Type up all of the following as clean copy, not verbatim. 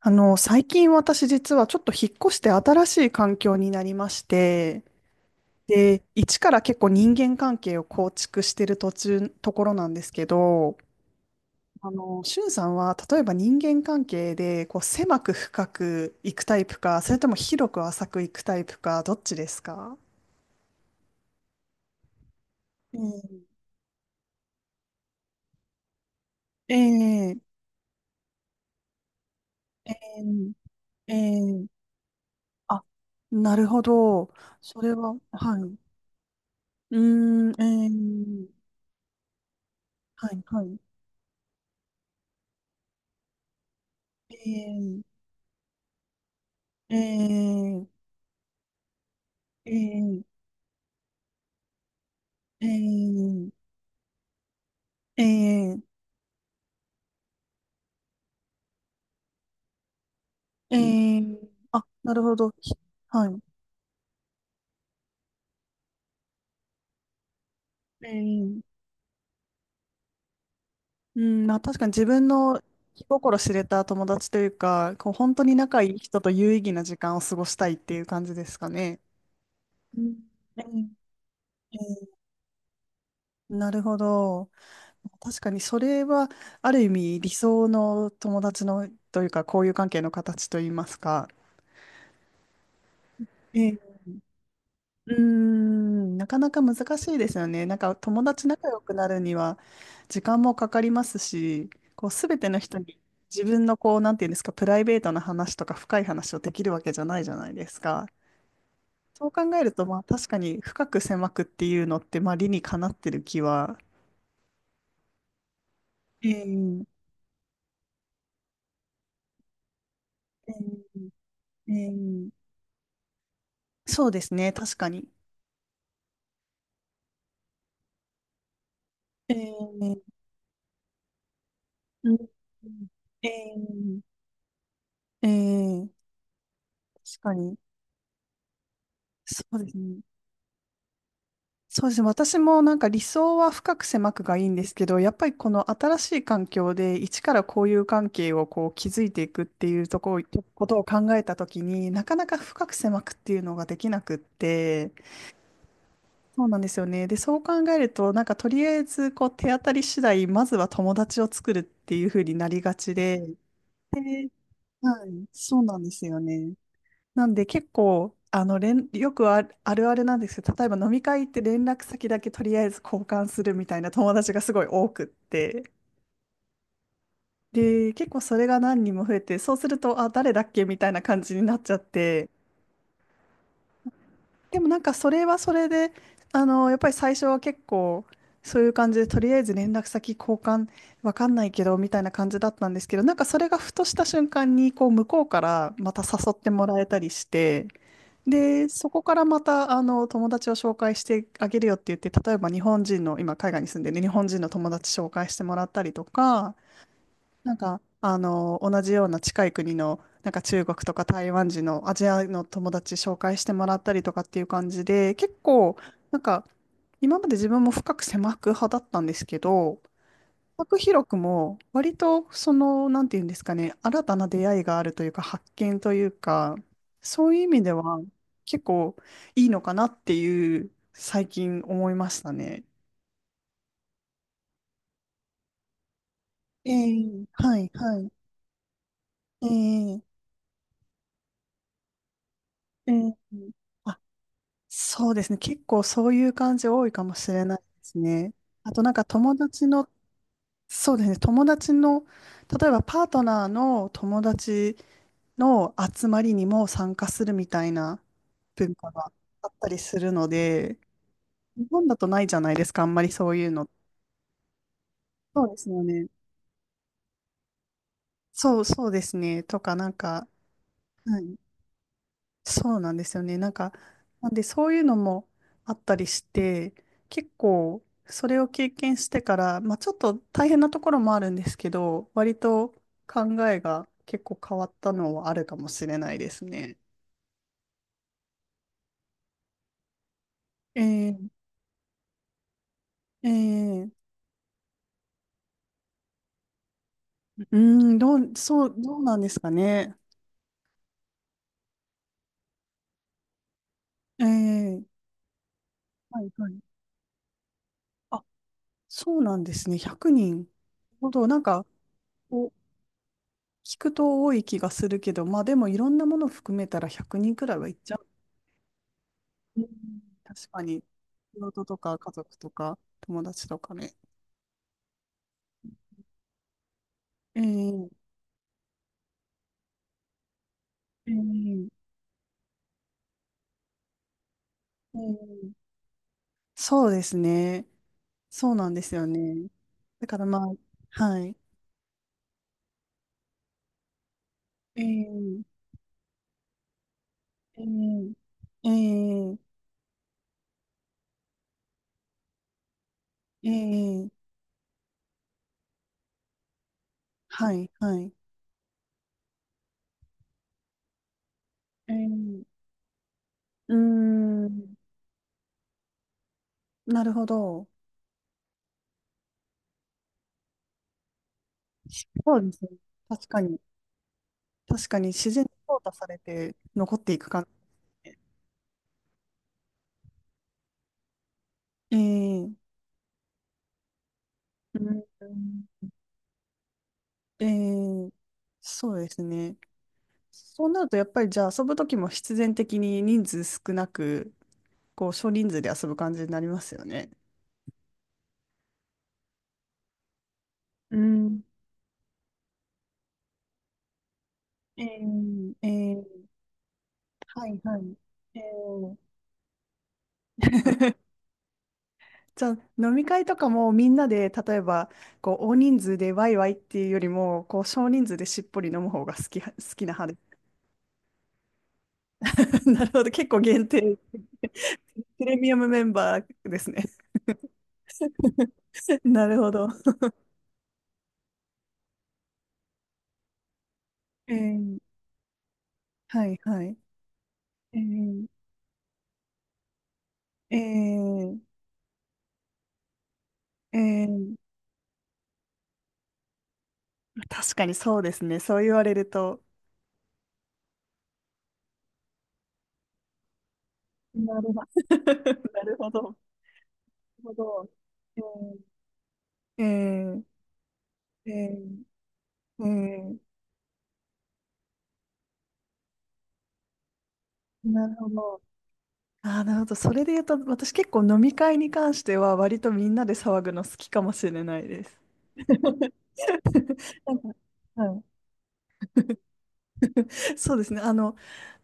最近私実はちょっと引っ越して新しい環境になりまして、で、一から結構人間関係を構築してるところなんですけど、しゅんさんは例えば人間関係でこう狭く深くいくタイプか、それとも広く浅くいくタイプか、どっちですか？ええ、ええ、ええ、あ、なるほど。それは、はい。うーん、ええ、はい、はい。ええ、ええ、ええええええええあ、なるほど。はい。ええ、うん、まあ確かに自分の気心知れた友達というか、こう本当に仲いい人と有意義な時間を過ごしたいっていう感じですかね。うん、ええええなるほど。確かにそれはある意味理想の友達のというか、交友関係の形といいますか。うーん、なかなか難しいですよね。なんか友達仲良くなるには時間もかかりますし、こうすべての人に自分のこう、なんていうんですか、プライベートな話とか深い話をできるわけじゃないじゃないですか。そう考えると、まあ確かに深く狭くっていうのって、まあ理にかなってる気は。えーえーえーそうですね、確かに。えーうんえーえー確かに。そうですね。そうですね。私もなんか理想は深く狭くがいいんですけど、やっぱりこの新しい環境で一から交友関係をこう築いていくっていうとこ、ことを考えたときになかなか深く狭くっていうのができなくって、そうなんですよね。で、そう考えるとなんかとりあえずこう手当たり次第、まずは友達を作るっていうふうになりがちで、はい、そうなんですよね。なんで結構、あの、連、よくある、あるあるなんですけど、例えば飲み会って連絡先だけとりあえず交換するみたいな友達がすごい多くって、で、結構それが何人も増えて、そうすると、あ、誰だっけみたいな感じになっちゃって、でもなんかそれはそれで、あの、やっぱり最初は結構、そういう感じで、とりあえず連絡先交換、わかんないけど、みたいな感じだったんですけど、なんかそれがふとした瞬間に、こう、向こうからまた誘ってもらえたりして、で、そこからまた、あの、友達を紹介してあげるよって言って、例えば日本人の、今海外に住んでる日本人の友達紹介してもらったりとか、なんか、あの、同じような近い国の、なんか中国とか台湾人のアジアの友達紹介してもらったりとかっていう感じで、結構、なんか、今まで自分も深く狭く派だったんですけど、拓弘くも割とその、なんていうんですかね、新たな出会いがあるというか、発見というか、そういう意味では結構いいのかなっていう、最近思いましたね。ええ、はい、はい。ええ、ええ。あ、そうですね。結構そういう感じ多いかもしれないですね。あとなんか友達の、そうですね。友達の、例えばパートナーの友達の集まりにも参加するみたいな文化があったりするので、日本だとないじゃないですか、あんまりそういうの。そうですよね。そうそうですね。とか、なんか、はい、そうなんですよね。なんか、なんでそういうのもあったりして、結構、それを経験してから、まあちょっと大変なところもあるんですけど、割と考えが結構変わったのはあるかもしれないですね。えーえーうーん、どう、そう、どうなんですかね。ええ、はいはい。あ、そうなんですね。100人ほど、なんか、こう聞くと多い気がするけど、まあでもいろんなもの含めたら100人くにんくらいはいっちゃう。うん、確かに、仕事とか家族とか友達とかね。ええええええそうですね。そうなんですよね。だからまあ、はい。ええええええええはい、はい。えー、うーん、なるほど。そうですね。確かに。確かに自然に淘汰されて残っていく感じで。えー、うん、えー、そうですね。そうなると、やっぱりじゃあ遊ぶときも必然的に人数少なく、こう少人数で遊ぶ感じになりますよね。うん。えー、えー、はいはい。えー じゃあ飲み会とかもみんなで例えばこう大人数でワイワイっていうよりもこう少人数でしっぽり飲む方が好き、好きな派です。なるほど。結構限定、プレミアムメンバーですね。なるほど。えー、はいはい。えー、えー、えー確かにそうですね。そう言われると。なるほど。なるほど。なるほど。えー、えー、えー、えーなるほど。ああ、なるほど。それで言うと、私結構飲み会に関しては、割とみんなで騒ぐの好きかもしれないです。なんか、うん。そうですね。あの、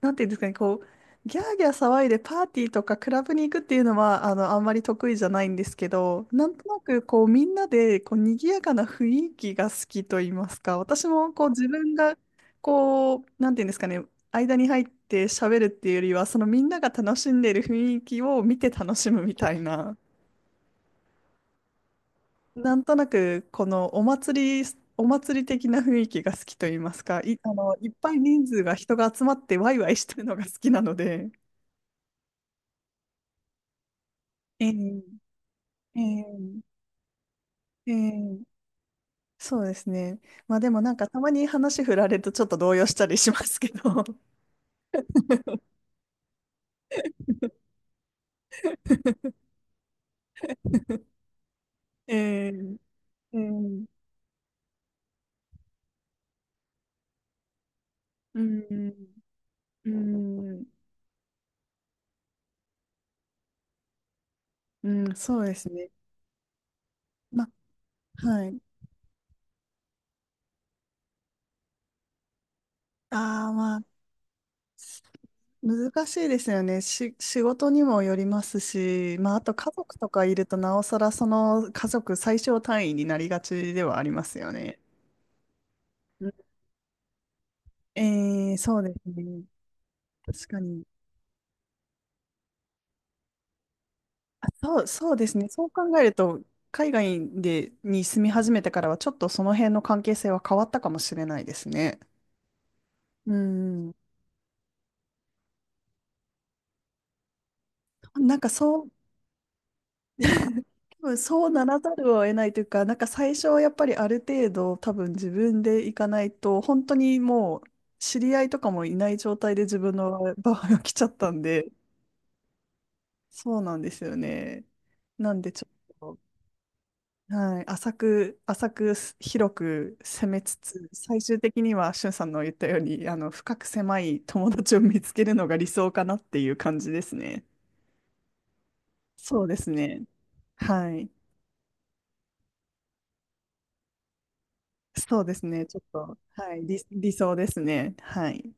なんていうんですかね、こう、ギャーギャー騒いでパーティーとかクラブに行くっていうのは、あの、あんまり得意じゃないんですけど、なんとなく、こう、みんなで、こう、賑やかな雰囲気が好きと言いますか、私も、こう、自分が、こう、なんていうんですかね、間に入って喋るっていうよりは、そのみんなが楽しんでいる雰囲気を見て楽しむみたいな。なんとなく、このお祭り的な雰囲気が好きと言いますか、い、あの、いっぱい人が集まってワイワイしてるのが好きなので。ええ、ええ、ええ、そうですね。まあでもなんかたまに話振られるとちょっと動揺したりしますけど。ええ、ええ、うん、うん、うん、そうですね。まあ、はい。ああ、まあ難しいですよね。仕事にもよりますし、まあ、あと家族とかいると、なおさらその家族最小単位になりがちではありますよね。うん、そうですね。確かに。あ、そう、そうですね。そう考えると、海外に住み始めてからは、ちょっとその辺の関係性は変わったかもしれないですね。うん。なんかそう、多分そうならざるを得ないというか、なんか最初はやっぱりある程度多分自分で行かないと、本当にもう知り合いとかもいない状態で自分の場合 が来ちゃったんで、そうなんですよね。なんでちょっと、はい、浅く広く攻めつつ、最終的にはしゅんさんの言ったように、あの、深く狭い友達を見つけるのが理想かなっていう感じですね。そうですね。はい。そうですね。ちょっと、はい、理想ですね。はい。